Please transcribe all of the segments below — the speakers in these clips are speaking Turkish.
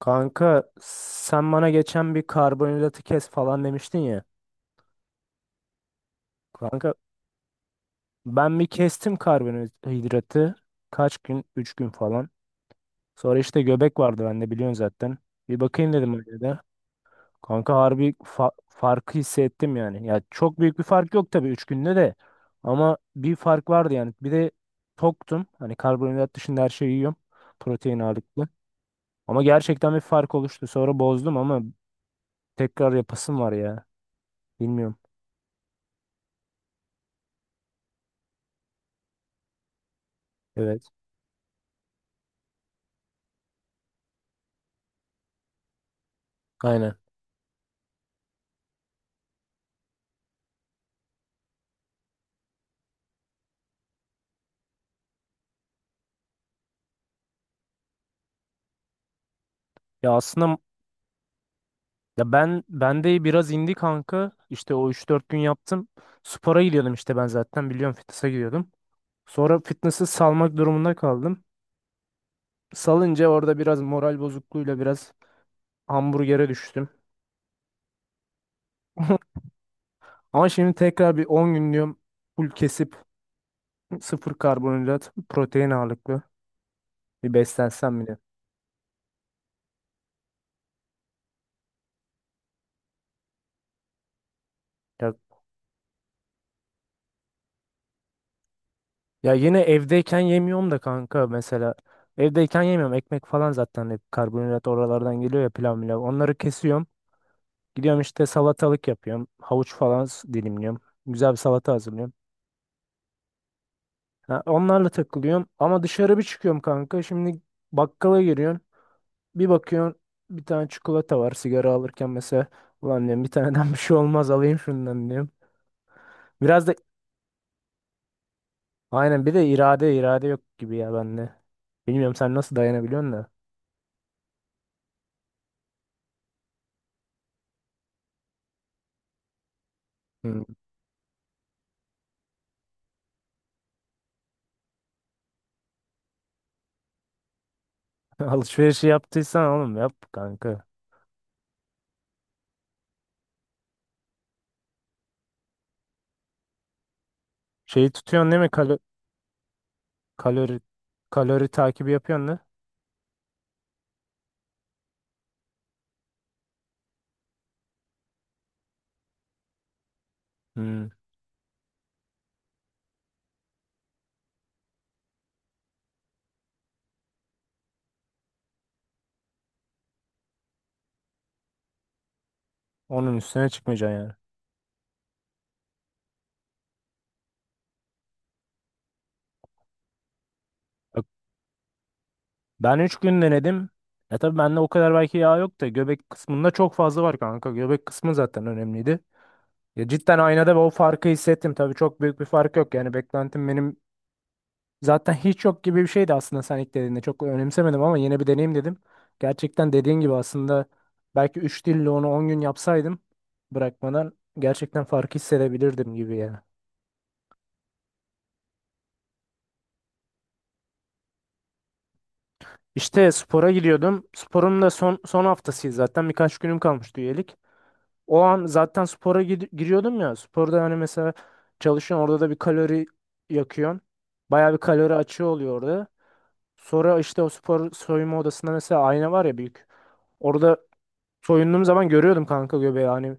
Kanka sen bana geçen bir karbonhidratı kes falan demiştin ya. Kanka ben bir kestim karbonhidratı. Kaç gün? 3 gün falan. Sonra işte göbek vardı bende biliyorsun zaten. Bir bakayım dedim öyle de. Kanka harbi farkı hissettim yani. Ya çok büyük bir fark yok tabii 3 günde de. Ama bir fark vardı yani. Bir de toktum. Hani karbonhidrat dışında her şeyi yiyorum. Protein ağırlıklı. Ama gerçekten bir fark oluştu. Sonra bozdum ama tekrar yapasım var ya. Bilmiyorum. Evet. Aynen. Ya aslında ya ben de biraz indi kanka. İşte o 3-4 gün yaptım. Spora gidiyordum işte ben zaten biliyorum fitness'a gidiyordum. Sonra fitness'ı salmak durumunda kaldım. Salınca orada biraz moral bozukluğuyla biraz hamburgere düştüm. Ama şimdi tekrar bir 10 gün diyorum full kesip sıfır karbonhidrat, protein ağırlıklı bir beslensem bile. Ya, ya yine evdeyken yemiyorum da kanka mesela. Evdeyken yemiyorum. Ekmek falan zaten hep karbonhidrat oralardan geliyor ya pilav milav. Onları kesiyorum. Gidiyorum işte salatalık yapıyorum. Havuç falan dilimliyorum. Güzel bir salata hazırlıyorum. Ha, onlarla takılıyorum. Ama dışarı bir çıkıyorum kanka. Şimdi bakkala giriyorsun. Bir bakıyorsun bir tane çikolata var sigara alırken mesela. Ulan diyorum bir taneden bir şey olmaz alayım şundan diyorum. Biraz da aynen bir de irade irade yok gibi ya bende. Bilmiyorum sen nasıl dayanabiliyorsun da. Hmm. Alışverişi yaptıysan oğlum yap kanka. Şeyi tutuyorsun değil mi? Kalori kalori takibi yapıyorsun da. Hmm. Onun üstüne çıkmayacaksın yani. Ben 3 gün denedim. Ya tabii bende o kadar belki yağ yok da göbek kısmında çok fazla var kanka. Göbek kısmı zaten önemliydi. Ya cidden aynada o farkı hissettim. Tabii çok büyük bir fark yok. Yani beklentim benim zaten hiç yok gibi bir şeydi aslında sen ilk dediğinde. Çok önemsemedim ama yine bir deneyim dedim. Gerçekten dediğin gibi aslında belki 3 dille onu 10 gün yapsaydım bırakmadan gerçekten farkı hissedebilirdim gibi ya. İşte spora gidiyordum. Sporun da son son haftasıydı zaten. Birkaç günüm kalmıştı üyelik. O an zaten spora giriyordum ya. Sporda hani mesela çalışıyorsun orada da bir kalori yakıyorsun. Bayağı bir kalori açığı oluyor orada. Sonra işte o spor soyunma odasında mesela ayna var ya büyük. Orada soyunduğum zaman görüyordum kanka göbeği. Hani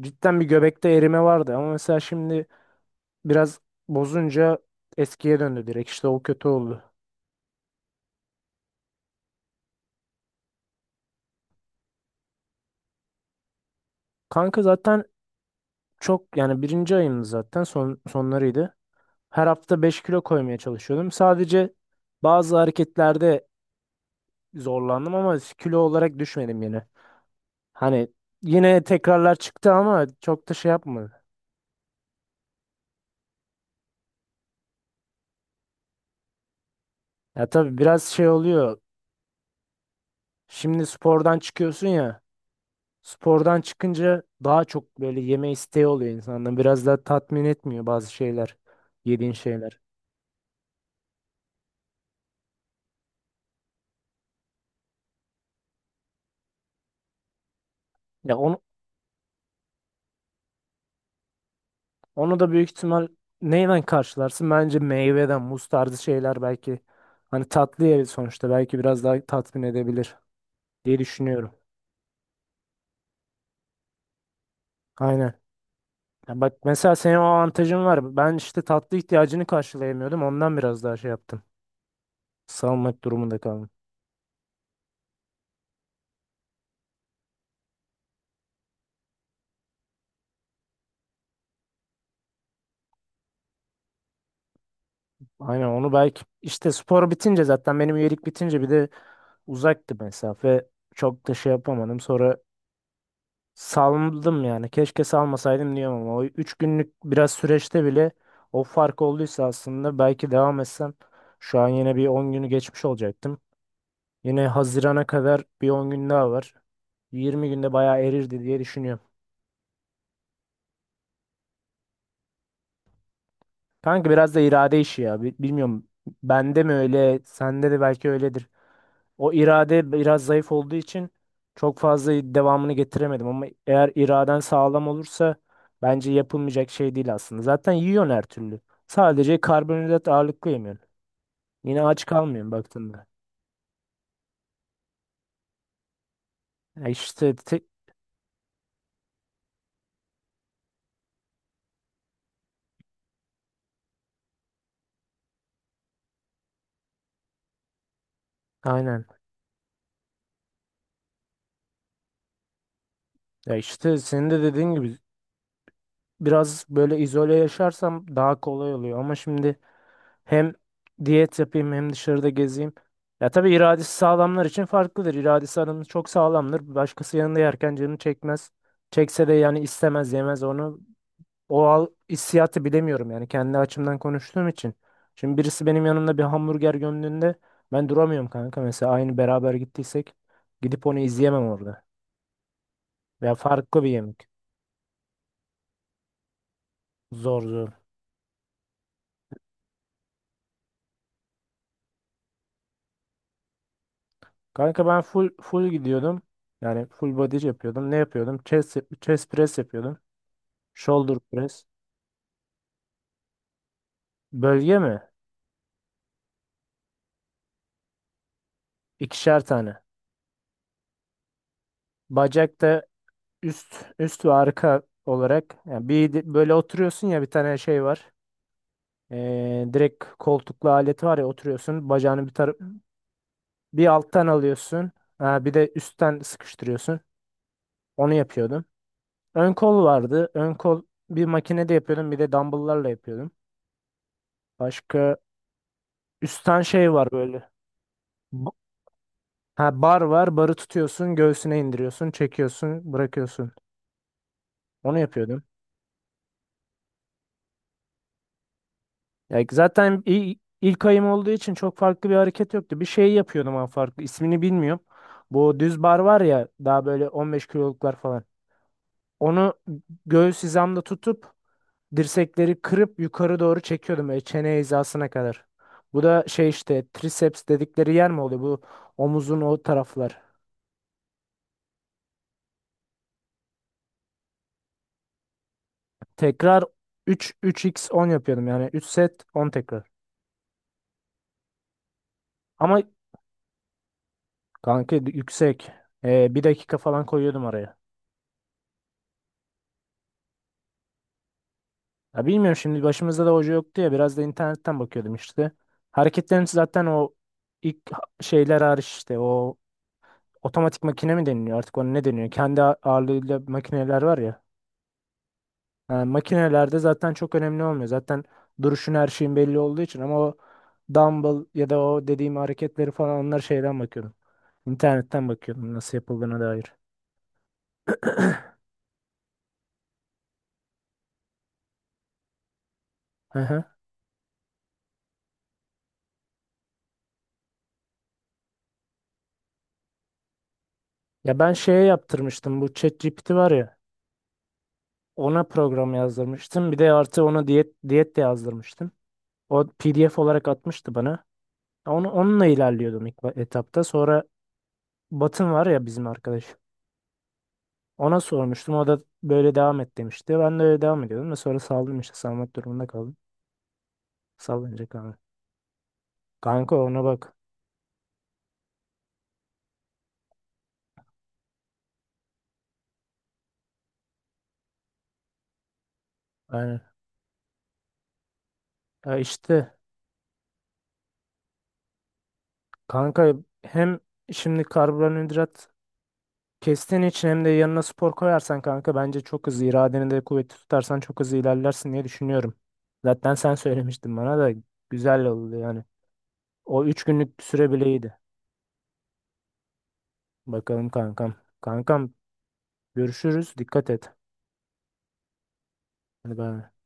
cidden bir göbekte erime vardı ama mesela şimdi biraz bozunca eskiye döndü direkt. İşte o kötü oldu. Kanka zaten çok yani birinci ayımdı zaten sonlarıydı. Her hafta 5 kilo koymaya çalışıyordum. Sadece bazı hareketlerde zorlandım ama kilo olarak düşmedim yine. Hani yine tekrarlar çıktı ama çok da şey yapmadı. Ya tabii biraz şey oluyor. Şimdi spordan çıkıyorsun ya. Spordan çıkınca daha çok böyle yeme isteği oluyor insanda. Biraz daha tatmin etmiyor bazı şeyler. Yediğin şeyler. Ya onu da büyük ihtimal neyle karşılarsın? Bence meyveden, muz tarzı şeyler belki. Hani tatlı yeri sonuçta belki biraz daha tatmin edebilir diye düşünüyorum. Aynen. Ya bak mesela senin o avantajın var. Ben işte tatlı ihtiyacını karşılayamıyordum. Ondan biraz daha şey yaptım. Salmak durumunda kaldım. Aynen onu belki işte spor bitince zaten benim üyelik bitince bir de uzaktı mesafe. Çok da şey yapamadım. Sonra saldım yani. Keşke salmasaydım diyorum ama o 3 günlük biraz süreçte bile o fark olduysa aslında belki devam etsem şu an yine bir 10 günü geçmiş olacaktım. Yine Haziran'a kadar bir 10 gün daha var. 20 günde bayağı erirdi diye düşünüyorum. Kanka biraz da irade işi ya. Bilmiyorum. Bende mi öyle, sende de belki öyledir. O irade biraz zayıf olduğu için çok fazla devamını getiremedim ama eğer iraden sağlam olursa bence yapılmayacak şey değil aslında. Zaten yiyorsun her türlü. Sadece karbonhidrat ağırlıklı yemiyorsun. Yine aç kalmıyorsun baktığında. Ya işte aynen. Ya işte senin de dediğin gibi biraz böyle izole yaşarsam daha kolay oluyor ama şimdi hem diyet yapayım hem dışarıda gezeyim. Ya tabii iradesi sağlamlar için farklıdır. İradesi adamın çok sağlamdır. Başkası yanında yerken canını çekmez. Çekse de yani istemez yemez onu. Hissiyatı bilemiyorum yani kendi açımdan konuştuğum için. Şimdi birisi benim yanımda bir hamburger gömdüğünde ben duramıyorum kanka. Mesela aynı beraber gittiysek gidip onu izleyemem orada. Veya farklı bir yemek. Zor zor. Kanka ben full full gidiyordum. Yani full body yapıyordum. Ne yapıyordum? Chest press yapıyordum. Shoulder press. Bölge mi? İkişer tane. Bacakta üst üst ve arka olarak yani bir böyle oturuyorsun ya bir tane şey var. Direkt koltuklu aleti var ya oturuyorsun. Bacağını bir taraf bir alttan alıyorsun. Ha, bir de üstten sıkıştırıyorsun. Onu yapıyordum. Ön kol vardı. Ön kol bir makinede yapıyordum. Bir de dumbbell'larla yapıyordum. Başka üstten şey var böyle. Ba- Ha, bar var. Barı tutuyorsun. Göğsüne indiriyorsun. Çekiyorsun. Bırakıyorsun. Onu yapıyordum. Ya zaten ilk ayım olduğu için çok farklı bir hareket yoktu. Bir şey yapıyordum ama farklı. İsmini bilmiyorum. Bu düz bar var ya daha böyle 15 kiloluklar falan. Onu göğüs hizamda tutup dirsekleri kırıp yukarı doğru çekiyordum böyle çene hizasına kadar. Bu da şey işte triceps dedikleri yer mi oluyor? Bu omuzun o taraflar. Tekrar 3 3x 10 yapıyordum yani 3 set 10 tekrar. Ama kanka yüksek. Bir dakika falan koyuyordum araya. Ya bilmiyorum şimdi başımızda da hoca yoktu ya biraz da internetten bakıyordum işte. Hareketlerin zaten o ilk şeyler hariç işte o otomatik makine mi deniliyor artık ona ne deniyor? Kendi ağırlığıyla makineler var ya. Yani makinelerde zaten çok önemli olmuyor. Zaten duruşun her şeyin belli olduğu için ama o dumbbell ya da o dediğim hareketleri falan onlar şeyden bakıyordum. İnternetten bakıyordum nasıl yapıldığına dair. Hı hı. Ya ben şeye yaptırmıştım bu ChatGPT var ya. Ona program yazdırmıştım. Bir de artı ona diyet de yazdırmıştım. O PDF olarak atmıştı bana. Onunla ilerliyordum ilk etapta. Sonra Batın var ya bizim arkadaş. Ona sormuştum. O da böyle devam et demişti. Ben de öyle devam ediyordum ve sonra saldım işte salmak durumunda kaldım. Sallayınca kanka. Kanka ona bak. Aynen. Ya işte kanka hem şimdi karbonhidrat kestiğin için hem de yanına spor koyarsan kanka bence çok hızlı iradeni de kuvvetli tutarsan çok hızlı ilerlersin diye düşünüyorum. Zaten sen söylemiştin bana da güzel oldu yani. O 3 günlük süre bile iyiydi. Bakalım kankam. Kankam görüşürüz. Dikkat et. Hadi bay, bay.